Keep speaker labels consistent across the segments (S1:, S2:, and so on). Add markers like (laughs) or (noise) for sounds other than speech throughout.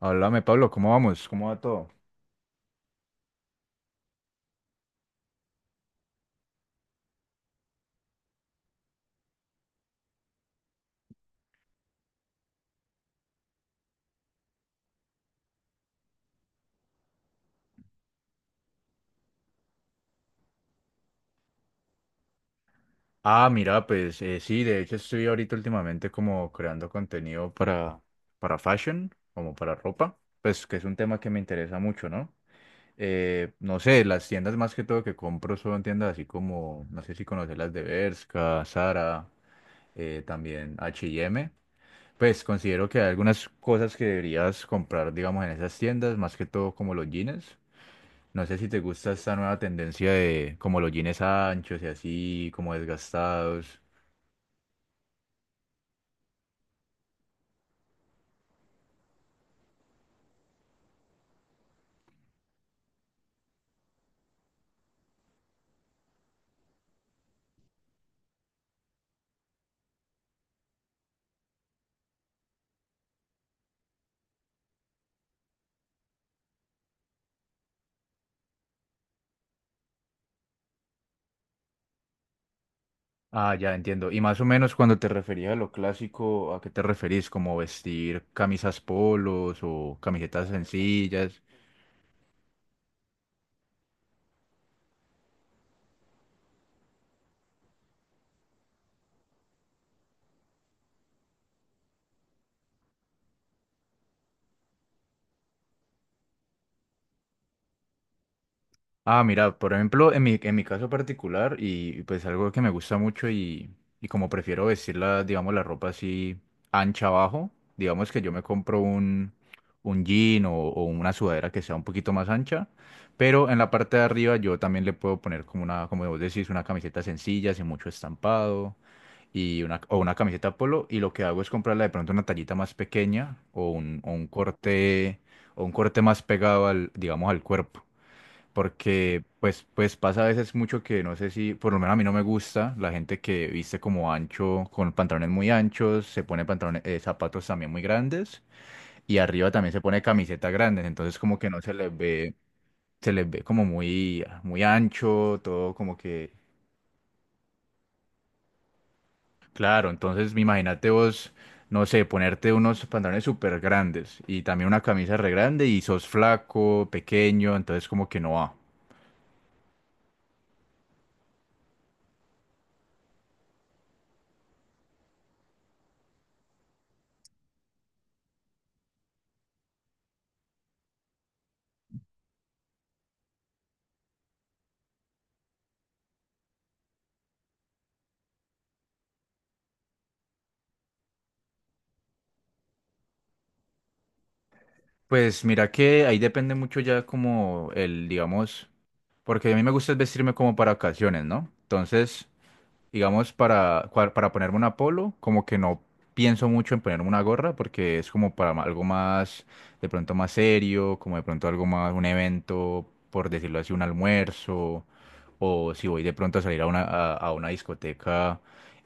S1: Háblame, Pablo, ¿cómo vamos? ¿Cómo va todo? Ah, mira, pues sí, de hecho estoy ahorita últimamente como creando contenido para fashion, como para ropa, pues que es un tema que me interesa mucho, ¿no? No sé, las tiendas más que todo que compro son tiendas así como, no sé si conoces las de Bershka, Zara, también H&M. Pues considero que hay algunas cosas que deberías comprar, digamos, en esas tiendas, más que todo como los jeans. No sé si te gusta esta nueva tendencia de como los jeans anchos y así, como desgastados. Ah, ya entiendo. Y más o menos cuando te referías a lo clásico, ¿a qué te referís? ¿Como vestir camisas polos o camisetas sencillas? Ah, mira, por ejemplo, en mi caso particular, y pues algo que me gusta mucho y como prefiero vestirla, digamos, la ropa así ancha abajo, digamos que yo me compro un jean o una sudadera que sea un poquito más ancha, pero en la parte de arriba yo también le puedo poner como una, como vos decís, una camiseta sencilla, sin mucho estampado, y o una camiseta polo, y lo que hago es comprarla de pronto una tallita más pequeña o un corte más pegado al, digamos, al cuerpo. Porque pues pasa a veces mucho que no sé si, por lo menos a mí no me gusta la gente que viste como ancho, con pantalones muy anchos, se pone pantalones, zapatos también muy grandes y arriba también se pone camisetas grandes, entonces como que no se les ve, se les ve como muy, muy ancho, todo como que, claro, entonces imagínate vos, no sé, ponerte unos pantalones súper grandes y también una camisa re grande y sos flaco, pequeño, entonces como que no va. Pues mira que ahí depende mucho ya como el, digamos, porque a mí me gusta es vestirme como para ocasiones, ¿no? Entonces, digamos, para ponerme una polo, como que no pienso mucho en ponerme una gorra porque es como para algo más, de pronto más serio, como de pronto algo más, un evento, por decirlo así, un almuerzo, o si voy de pronto a salir a a una discoteca,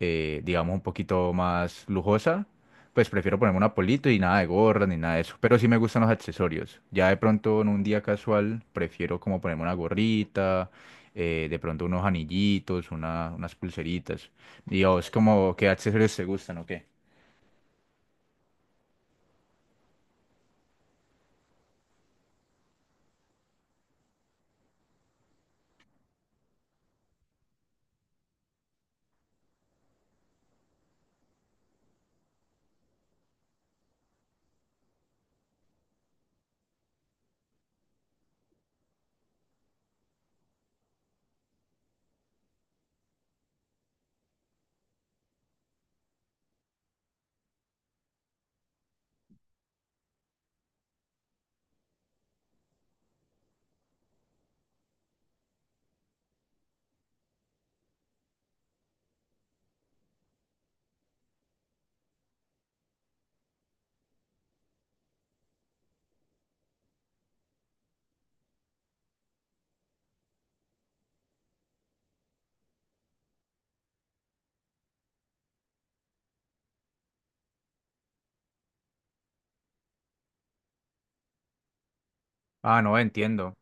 S1: digamos, un poquito más lujosa. Pues prefiero ponerme una polito y nada de gorra ni nada de eso. Pero sí me gustan los accesorios. Ya de pronto en un día casual prefiero como ponerme una gorrita, de pronto unos anillitos, unas pulseritas. Y a vos como, ¿qué accesorios te gustan o qué? Ah, no, entiendo.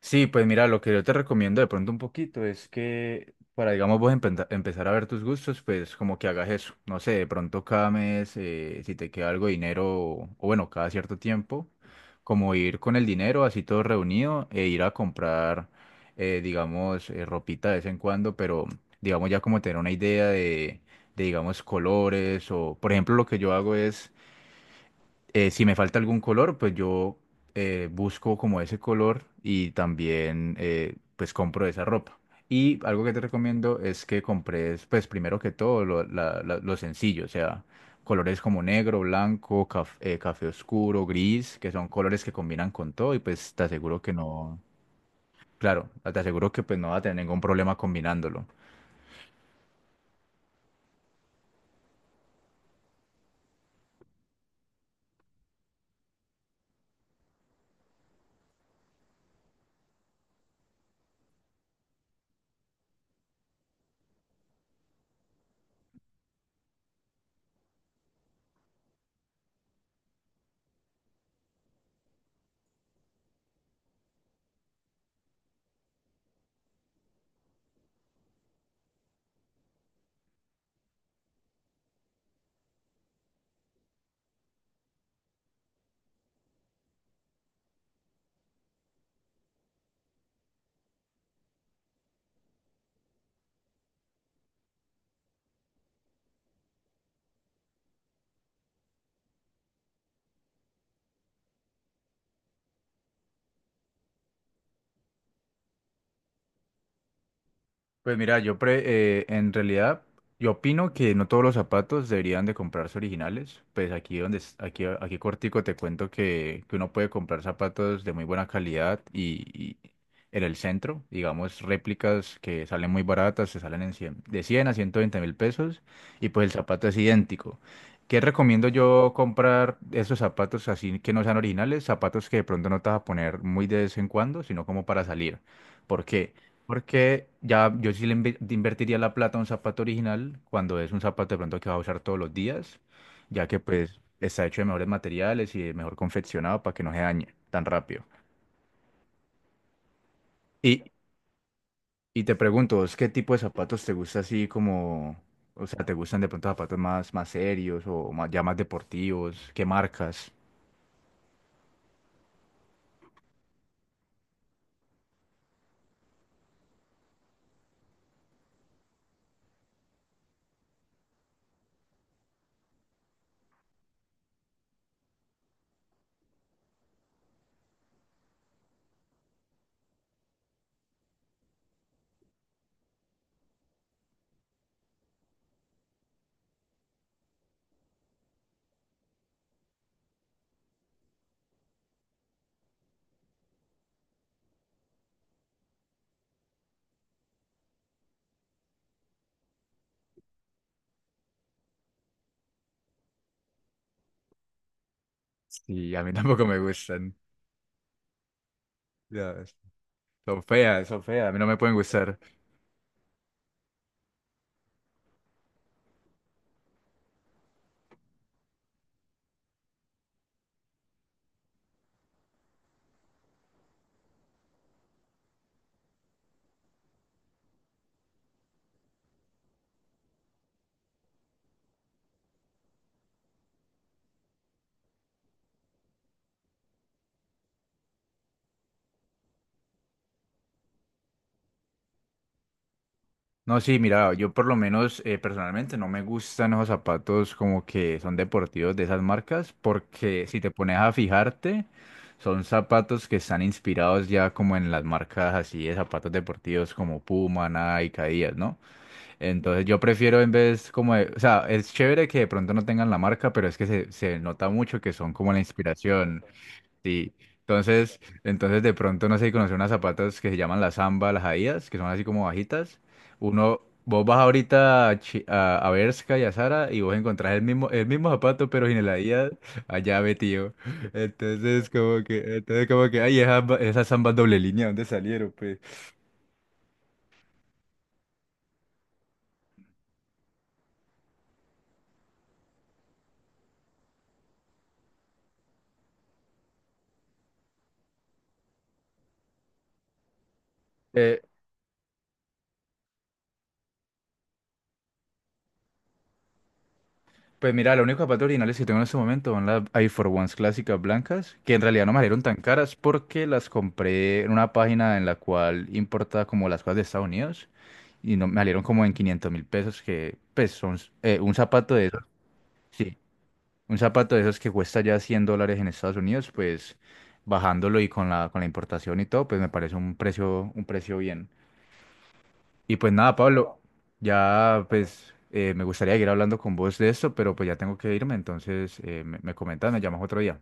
S1: Sí, pues mira, lo que yo te recomiendo de pronto un poquito es que para, digamos, vos empezar a ver tus gustos, pues como que hagas eso. No sé, de pronto cada mes, si te queda algo de dinero, o bueno, cada cierto tiempo, como ir con el dinero así todo reunido e ir a comprar, digamos, ropita de vez en cuando, pero digamos ya como tener una idea de, digamos, colores o, por ejemplo, lo que yo hago es si me falta algún color, pues yo busco como ese color y también pues compro esa ropa. Y algo que te recomiendo es que compres pues primero que todo lo sencillo, o sea, colores como negro, blanco, café oscuro, gris, que son colores que combinan con todo y pues te aseguro que no, claro, te aseguro que pues no vas a tener ningún problema combinándolo. Pues mira, en realidad yo opino que no todos los zapatos deberían de comprarse originales. Pues aquí aquí cortico te cuento que uno puede comprar zapatos de muy buena calidad y en el centro, digamos réplicas que salen muy baratas, se salen en 100, de 100 a 120.000 pesos y pues el zapato es idéntico. ¿Qué recomiendo yo comprar esos zapatos así que no sean originales? Zapatos que de pronto no te vas a poner muy de vez en cuando, sino como para salir. ¿Por qué? Porque ya yo sí le invertiría la plata a un zapato original cuando es un zapato de pronto que va a usar todos los días, ya que pues está hecho de mejores materiales y de mejor confeccionado para que no se dañe tan rápido. Y, y te pregunto, ¿vos qué tipo de zapatos te gusta así como, o sea, te gustan de pronto zapatos más, más serios o más, ya más deportivos? ¿Qué marcas? Sí, a mí (laughs) tampoco me gustan. Ya, son feas, a mí no me pueden gustar. No, sí, mira, yo por lo menos personalmente no me gustan esos zapatos como que son deportivos de esas marcas, porque si te pones a fijarte, son zapatos que están inspirados ya como en las marcas así de zapatos deportivos como Puma, Nike, Adidas, ¿no? Entonces yo prefiero en vez o sea, es chévere que de pronto no tengan la marca, pero es que se nota mucho que son como la inspiración. Sí, entonces, entonces de pronto no sé si conocer unas zapatas que se llaman las Samba, las Adidas, que son así como bajitas. Uno, vos vas ahorita a, a Bershka y a Zara y vos encontrás el mismo zapato, pero sin el Adidas, allá metido. Entonces como que, ay, esas Sambas doble línea, ¿dónde salieron, pues? Eh, pues mira, los únicos zapatos originales que tengo en este momento son las Air Force Ones clásicas blancas, que en realidad no me salieron tan caras porque las compré en una página en la cual importa como las cosas de Estados Unidos. Y no, me salieron como en 500.000 pesos, que pues son un zapato de esos, sí, un zapato de esos que cuesta ya $100 en Estados Unidos, pues bajándolo y con la importación y todo, pues me parece un precio bien. Y pues nada, Pablo, ya pues me gustaría seguir hablando con vos de esto, pero pues ya tengo que irme, entonces me comentas, me llamas otro día.